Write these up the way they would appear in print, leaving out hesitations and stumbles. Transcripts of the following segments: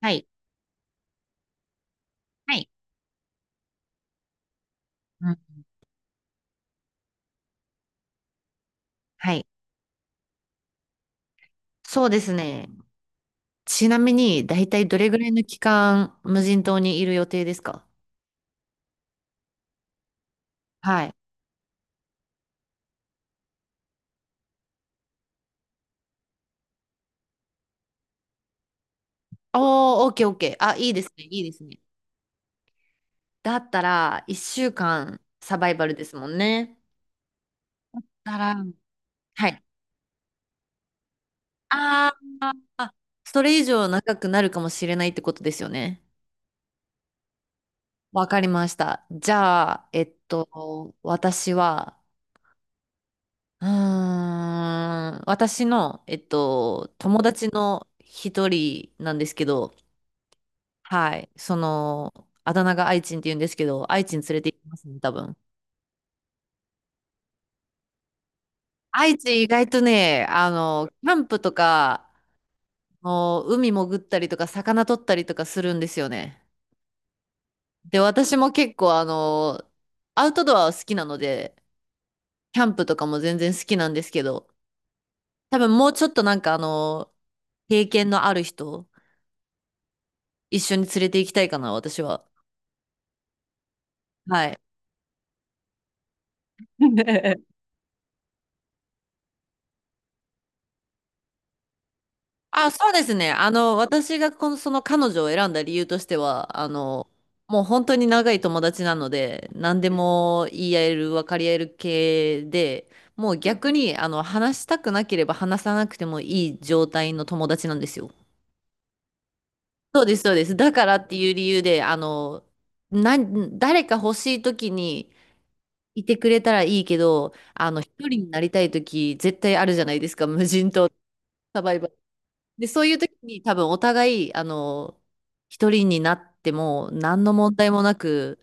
はい。はい。うん、はい。そうですね。ちなみに、だいたいどれぐらいの期間、無人島にいる予定ですか？はい。おー、オッケーオッケー。あ、いいですね、いいですね。だったら、1週間サバイバルですもんね。なら、はい。あー、あ、それ以上長くなるかもしれないってことですよね。わかりました。じゃあ、私は私の、友達の一人なんですけど、はい、あだ名が愛知って言うんですけど、愛知に連れて行きますね、多分。愛知意外とね、キャンプとか、もう海潜ったりとか、魚取ったりとかするんですよね。で、私も結構、アウトドアは好きなので、キャンプとかも全然好きなんですけど、多分もうちょっと経験のある人、一緒に連れて行きたいかな、私は。はい。あ、そうですね。私がこの、その彼女を選んだ理由としては、もう本当に長い友達なので、何でも言い合える、分かり合える系で、もう逆に、話したくなければ話さなくてもいい状態の友達なんですよ。そうです、そうです。だからっていう理由で、な、誰か欲しい時にいてくれたらいいけど、一人になりたい時絶対あるじゃないですか、無人島サバイバル。で、そういう時に多分お互い、一人になっても何の問題もなく、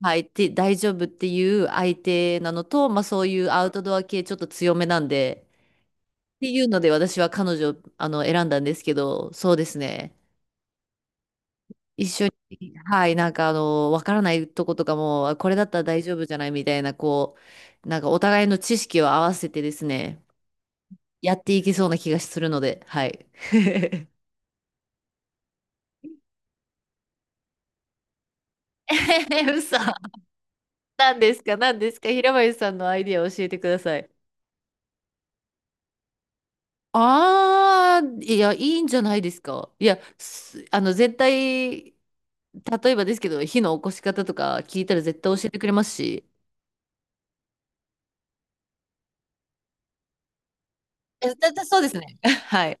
はい、て大丈夫っていう相手なのと、まあそういうアウトドア系ちょっと強めなんで、っていうので私は彼女を選んだんですけど、そうですね。一緒に、はい、わからないとことかも、あこれだったら大丈夫じゃないみたいな、お互いの知識を合わせてですね、やっていけそうな気がするので、はい。嘘。何ですか何ですか、平林さんのアイディアを教えてください。ああ、いや、いいんじゃないですか。いや、すあの、絶対、例えばですけど、火の起こし方とか聞いたら絶対教えてくれますし。えだだそうですね。はい。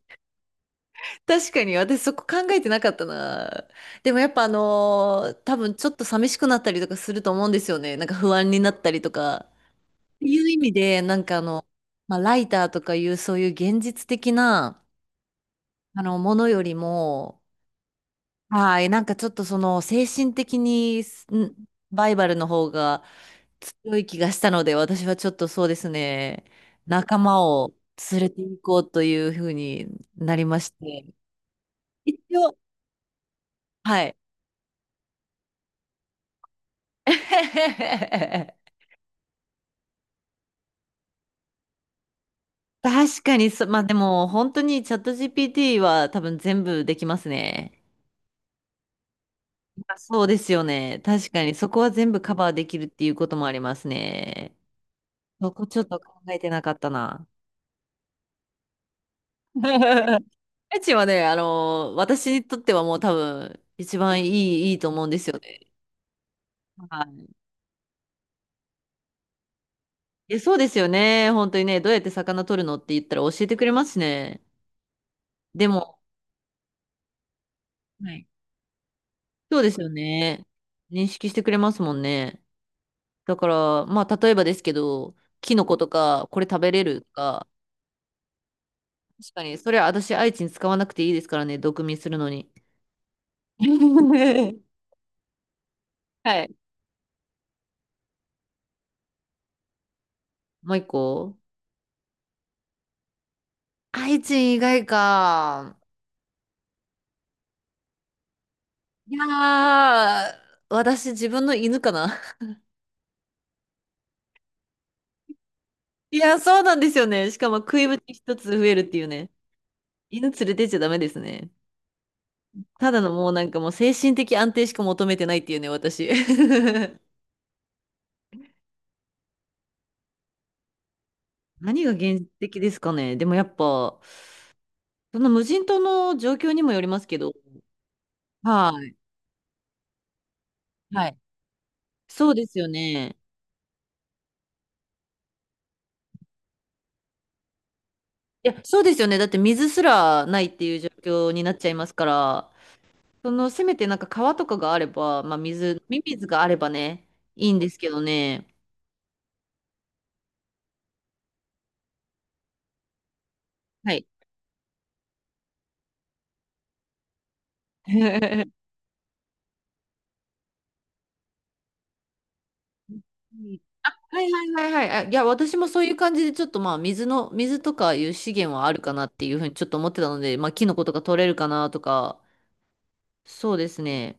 確かに、私そこ考えてなかったな。でもやっぱ多分ちょっと寂しくなったりとかすると思うんですよね。なんか不安になったりとか。っていう意味で、まあ、ライターとかいうそういう現実的な、ものよりも、はい。なんかちょっとその精神的にバイバルの方が強い気がしたので、私はちょっとそうですね、仲間を連れて行こうというふうになりまして。一応、はい。確かにそ、まあでも本当にチャット GPT は多分全部できますね。あ、そうですよね。確かにそこは全部カバーできるっていうこともありますね。そこちょっと考えてなかったな。ライチはね、私にとってはもう多分、一番いい、いいと思うんですよね。はい。え、そうですよね。本当にね、どうやって魚取るのって言ったら教えてくれますしね。でも、はい、そうですよね。認識してくれますもんね。だから、まあ、例えばですけど、キノコとか、これ食べれるとか、確かに、それは私、愛知に使わなくていいですからね、毒味するのに。はい。もう一個、愛知以外か。いやー、私自分の犬かな。いやー、そうなんですよね。しかも食いぶち一つ増えるっていうね。犬連れてっちゃダメですね。ただのもうなんかもう精神的安定しか求めてないっていうね、私。何が現実的ですかね。でもやっぱ、その無人島の状況にもよりますけど。はい。はい。そうですよね。いや、そうですよね。だって水すらないっていう状況になっちゃいますから。その、せめてなんか川とかがあれば、まあ水、飲み水があればね、いいんですけどね。はい。はいはいはいはい。あ、いや、私もそういう感じで、ちょっとまあ、水の、水とかいう資源はあるかなっていうふうにちょっと思ってたので、まあ、キノコとか取れるかなとか、そうですね。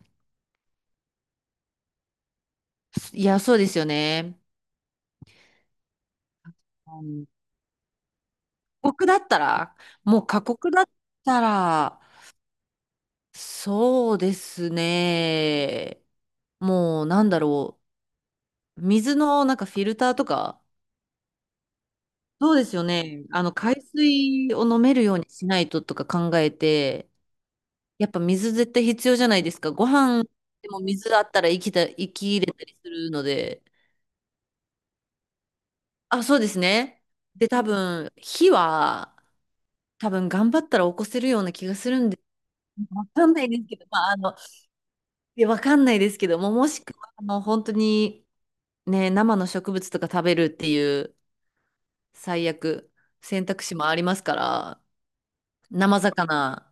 いや、そうですよね。うん、過酷だったら、もう過酷だったら、そうですね。なんだろう。水のなんかフィルターとか、そうですよね。あの、海水を飲めるようにしないととか考えて、やっぱ水絶対必要じゃないですか。ご飯でも水あったら生き入れたりするので。あ、そうですね。で、多分、火は、多分頑張ったら起こせるような気がするんで、わかんないですけど、いやわかんないですけども、もしくは、本当に、ね、生の植物とか食べるっていう、最悪、選択肢もありますから、生魚。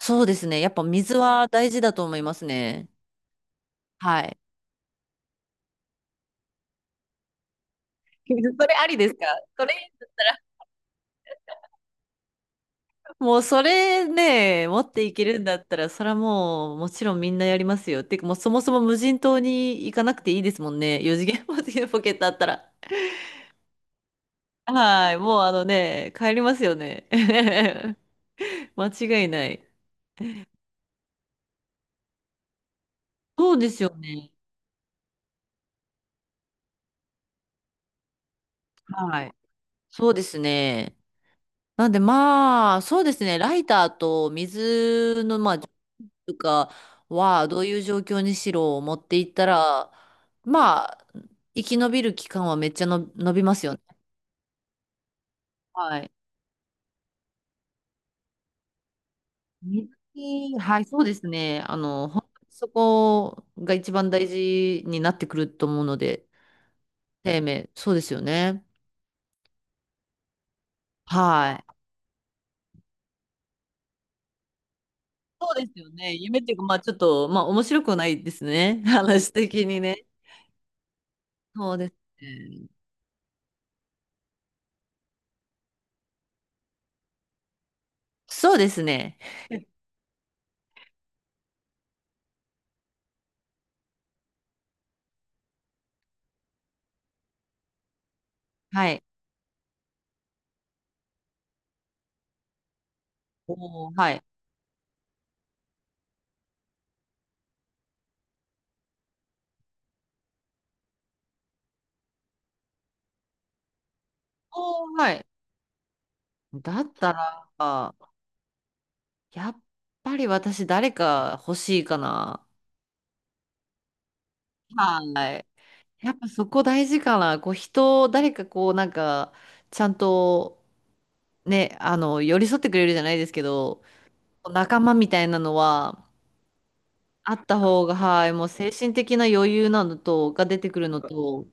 そうですね。やっぱ水は大事だと思いますね。はい。それありですか？それだったら もうそれね、持っていけるんだったら、それはもうもちろんみんなやりますよ。ってかもうそもそも無人島に行かなくていいですもんね。四次元ポケ ットあったら。はい。もうあのね、帰りますよね。間違いない。そうですよね。はい。そうですね。なんでまあ、そうですね、ライターと水の、まあ、とかは、どういう状況にしろ持っていったら、まあ、生き延びる期間はめっちゃの伸びますよね。はい。水はい、そうですね。そこが一番大事になってくると思うので、生命、そうですよね。はい。そうですよね。夢っていうか、まあちょっと、まあ面白くないですね。話的にね。そうですね。そうですね。はい。おー、はい。おー、はい。だったら、やっぱり私誰か欲しいかな。はい。やっぱそこ大事かな。こう人、誰かこうなんか、ちゃんとね、寄り添ってくれるじゃないですけど、仲間みたいなのはあった方が、はい、もう精神的な余裕なのと、が出てくるのと、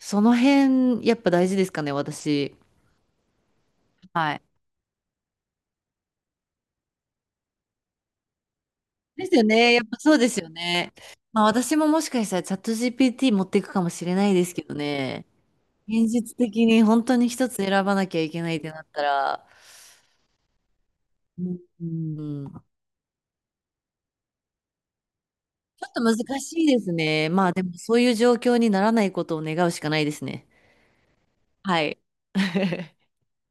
その辺、やっぱ大事ですかね、私。はい、ですよね。やっぱそうですよね。まあ私ももしかしたらチャット GPT 持っていくかもしれないですけどね。現実的に本当に一つ選ばなきゃいけないってなったら、うん、ちょっと難しいですね。まあでもそういう状況にならないことを願うしかないですね。はい。